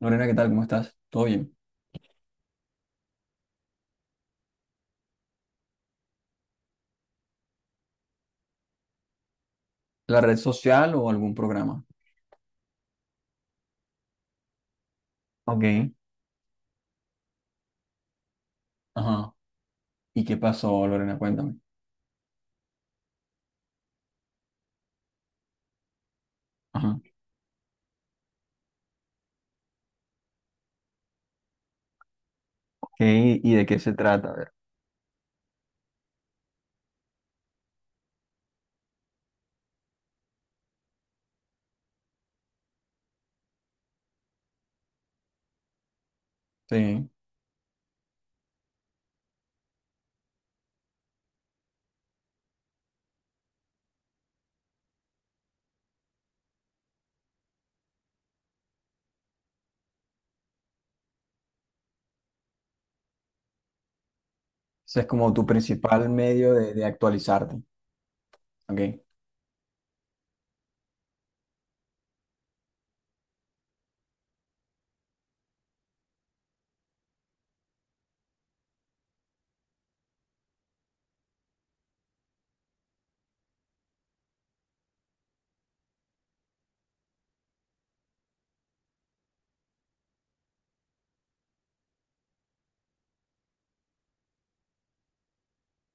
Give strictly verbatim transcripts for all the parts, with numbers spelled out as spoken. Lorena, ¿qué tal? ¿Cómo estás? ¿Todo bien? ¿La red social o algún programa? Ok. Ajá. ¿Y qué pasó, Lorena? Cuéntame. Ajá. Ok, ¿y de qué se trata? A ver. Sí. Ese es como tu principal medio de, de actualizarte. Ok.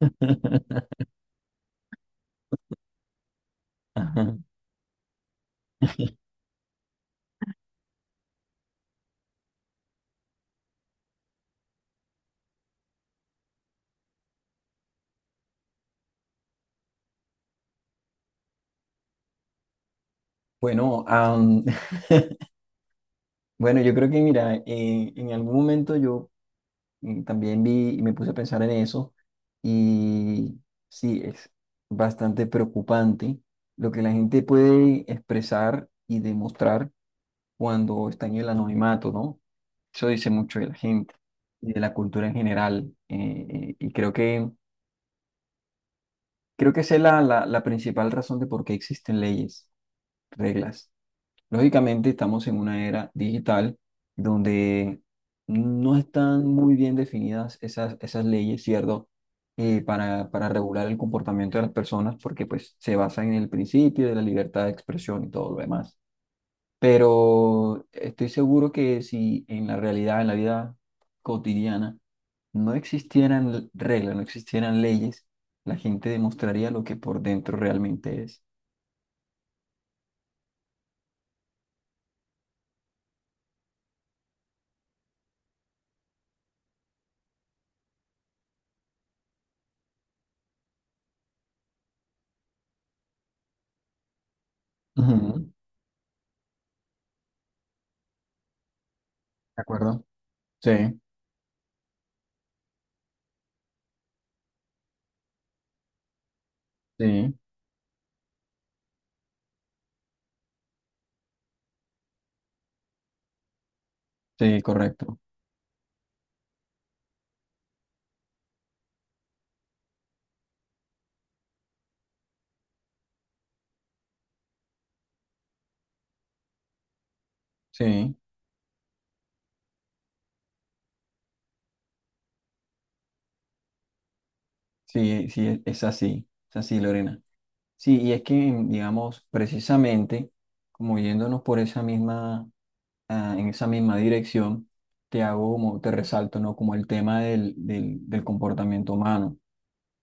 Ajá. Bueno, am, bueno, yo creo que mira, eh, en algún momento yo mm, también vi y me puse a pensar en eso y sí, es bastante preocupante lo que la gente puede expresar y demostrar cuando está en el anonimato, ¿no? Eso dice mucho de la gente y de la cultura en general. Eh, eh, y creo que, creo que esa es la, la, la principal razón de por qué existen leyes, reglas. Lógicamente estamos en una era digital donde no están muy bien definidas esas, esas leyes, ¿cierto? Eh, para, para regular el comportamiento de las personas porque pues se basan en el principio de la libertad de expresión y todo lo demás. Pero estoy seguro que si en la realidad, en la vida cotidiana, no existieran l- reglas, no existieran leyes, la gente demostraría lo que por dentro realmente es. Ujú. ¿De acuerdo? Sí, sí, sí, correcto. Sí, sí, sí, es es así, es así, Lorena. Sí, y es que, mm, digamos, precisamente, como yéndonos por esa misma, ah, en esa misma dirección, te hago como, te resalto, ¿no? Como el tema del, del, del comportamiento humano.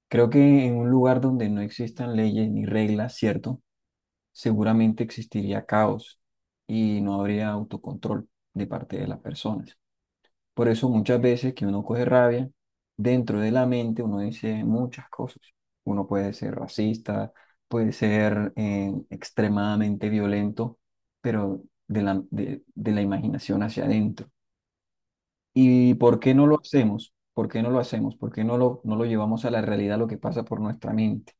Creo que en un lugar donde no existan leyes ni reglas, ¿cierto? Seguramente existiría caos y no habría autocontrol de parte de las personas. Por eso muchas veces que uno coge rabia, dentro de la mente uno dice muchas cosas. Uno puede ser racista, puede ser eh, extremadamente violento, pero de la, de, de la imaginación hacia adentro. ¿Y por qué no lo hacemos? ¿Por qué no lo hacemos? ¿Por qué no lo, no lo llevamos a la realidad, lo que pasa por nuestra mente?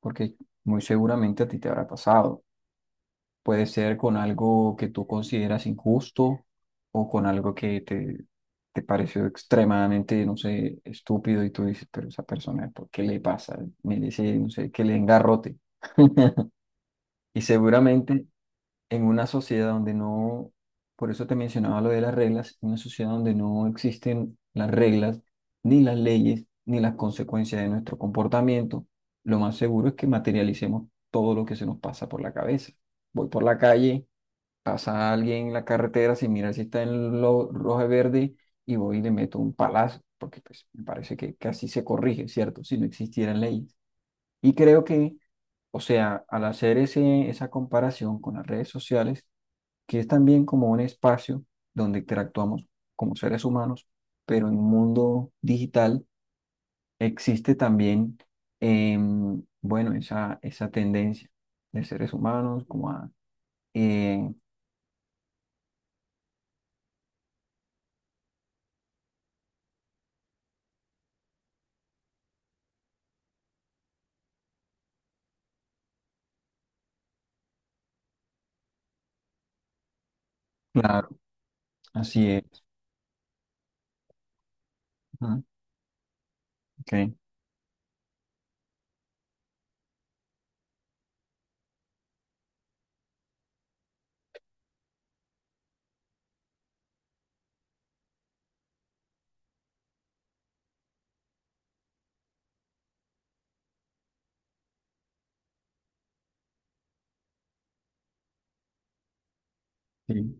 Porque muy seguramente a ti te habrá pasado. Puede ser con algo que tú consideras injusto o con algo que te, te pareció extremadamente, no sé, estúpido y tú dices, pero esa persona, ¿por qué le pasa? Merece, no sé, que le engarrote. Y seguramente en una sociedad donde no, por eso te mencionaba lo de las reglas, en una sociedad donde no existen las reglas, ni las leyes, ni las consecuencias de nuestro comportamiento, lo más seguro es que materialicemos todo lo que se nos pasa por la cabeza. Voy por la calle, pasa alguien en la carretera sin mirar si está en lo rojo y verde, y voy y le meto un palazo, porque pues me parece que, que así se corrige, ¿cierto? Si no existieran leyes. Y creo que, o sea, al hacer ese, esa comparación con las redes sociales, que es también como un espacio donde interactuamos como seres humanos, pero en un mundo digital existe también, em, bueno, esa, esa tendencia de seres humanos como a... eh, claro, así es. Okay. Sí.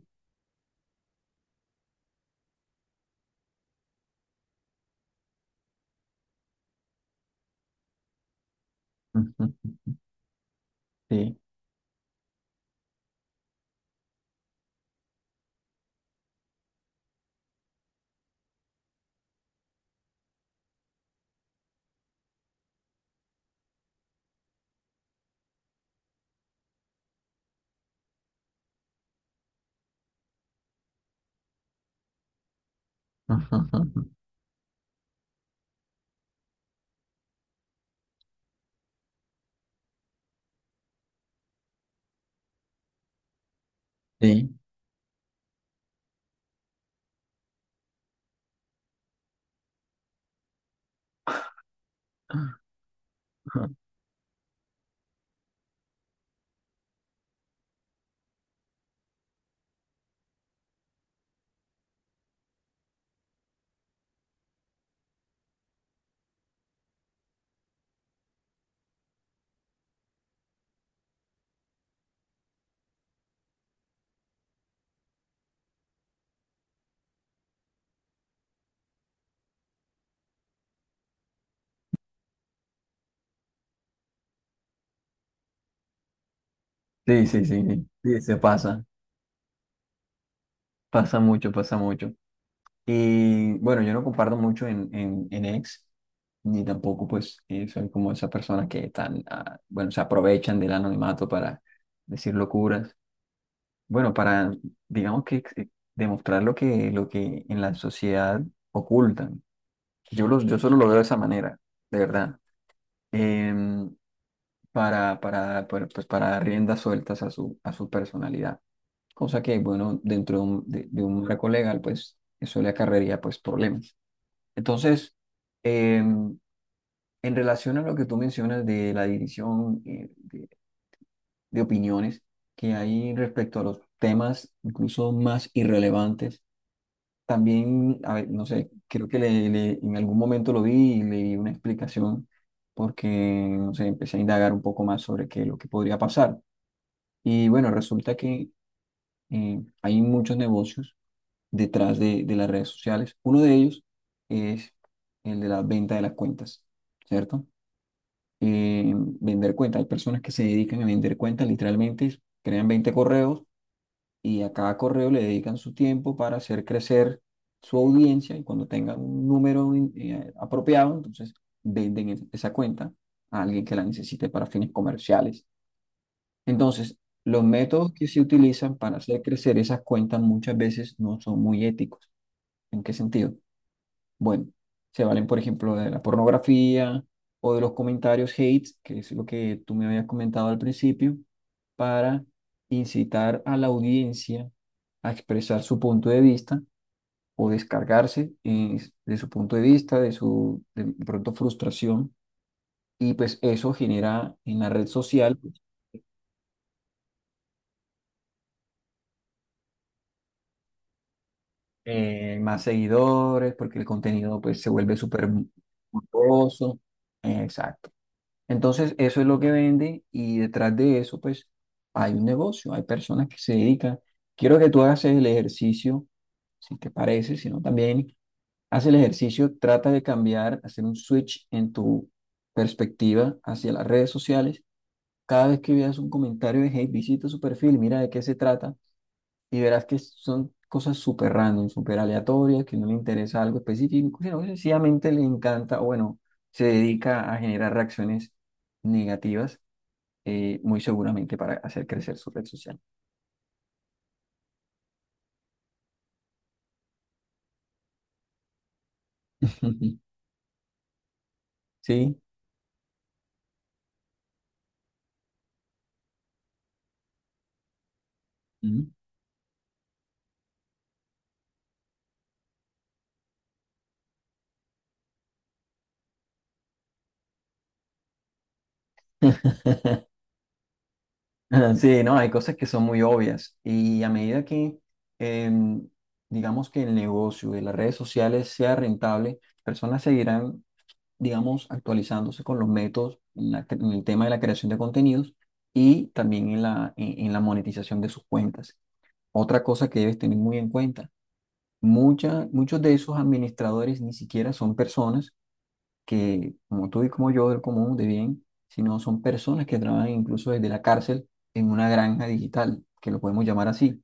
Ujú. Sí. Ujú. Sí. Ujú. Sí, sí, sí, sí. Sí, se pasa. Pasa mucho, pasa mucho. Y bueno, yo no comparto mucho en, en, en ex, ni tampoco pues eh, soy como esas personas que están, ah, bueno, se aprovechan del anonimato para decir locuras. Bueno, para, digamos que ex- eh, demostrar lo que, lo que en la sociedad ocultan. Yo, los, yo solo lo veo de esa manera, de verdad. Em, para, para, para, pues, para dar riendas sueltas a su, a su personalidad. Cosa que, bueno, dentro de un, de, de un marco legal, pues eso le acarrearía pues problemas. Entonces, em, en relación a lo que tú mencionas de la división eh, de opiniones que hay respecto a los temas incluso más irrelevantes, también, a ver, no sé, creo que le, le- en algún momento lo vi y leí una explicación porque, no sé, empecé a indagar un poco más sobre qué, es lo que podría pasar. Y bueno, resulta que eh, hay muchos negocios detrás de, de las redes sociales. Uno de ellos es el de la venta de las cuentas, ¿cierto? Eh, vender cuentas. Hay personas que se dedican a vender cuentas, literalmente crean veinte correos y a cada correo le dedican su tiempo para hacer crecer su audiencia y cuando tengan un número eh, apropiado, entonces venden es- esa cuenta a alguien que la necesite para fines comerciales. Entonces, los métodos que se utilizan para hacer crecer esas cuentas muchas veces no son muy éticos. ¿En qué sentido? Bueno, se valen, por ejemplo, de la pornografía o de los comentarios hate, que es lo que tú me habías comentado al principio, para incitar a la audiencia a expresar su punto de vista o descargarse eh, de su punto de vista, de su de pronto frustración. Y pues eso genera en la red social eh, más seguidores, porque el contenido pues se vuelve súper famoso. Exacto. Entonces, eso es lo que vende y detrás de eso pues hay un negocio, hay personas que se dedican. Quiero que tú hagas el ejercicio, si te parece, si no también haz el ejercicio, trata de cambiar, hacer un switch en tu perspectiva hacia las redes sociales. Cada vez que veas un comentario de hate, visita su perfil, mira de qué se trata y verás que son cosas súper random, súper aleatorias, que no le interesa algo específico, sino que sencillamente le encanta, o bueno, se dedica a generar reacciones negativas, eh, muy seguramente para hacer crecer su red social. Sí. Ujú. Sí, no, hay cosas que son muy obvias y a medida que, em, digamos que el negocio de las redes sociales sea rentable, personas seguirán, digamos, actualizándose con los métodos en, la en el tema de la creación de contenidos y también en la, en, en la monetización de sus cuentas. Otra cosa que debes tener muy en cuenta, mucha, muchos de esos administradores ni siquiera son personas que, como tú y como yo, del común, de bien, sino son personas que trabajan incluso desde la cárcel en una granja digital, que lo podemos llamar así.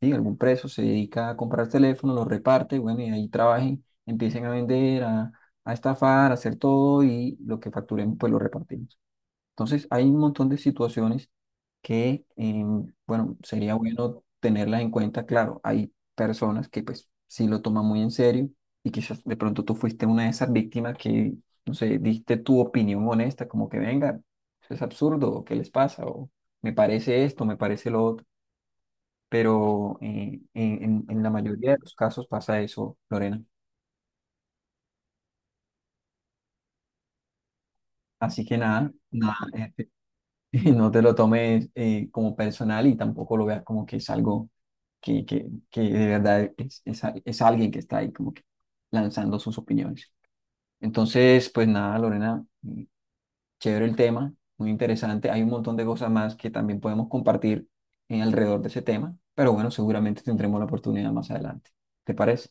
¿Sí? Algún preso se dedica a comprar teléfonos, los reparte, bueno, y ahí trabajen, empiecen a vender, a, a estafar, a hacer todo y lo que facturen, pues lo repartimos. Entonces, hay un montón de situaciones que, eh, bueno, sería bueno tenerlas en cuenta. Claro, hay personas que pues sí lo toman muy en serio y quizás de pronto tú fuiste una de esas víctimas que, no sé, diste tu opinión honesta, como que venga, eso es absurdo, o ¿qué les pasa? O me parece esto, me parece lo otro, pero eh, en, en- en la mayoría de los casos pasa eso, Lorena. Así que nada, nada, eh, no te lo tomes eh, como personal y tampoco lo veas como que es algo que, que, que de verdad es, es, al- es alguien que está ahí como que lanzando sus opiniones. Entonces, pues nada, Lorena, mm, chévere el tema, muy interesante. Hay un montón de cosas más que también podemos compartir eh, alrededor de ese tema, pero bueno, seguramente tendremos la oportunidad más adelante. ¿Te parece?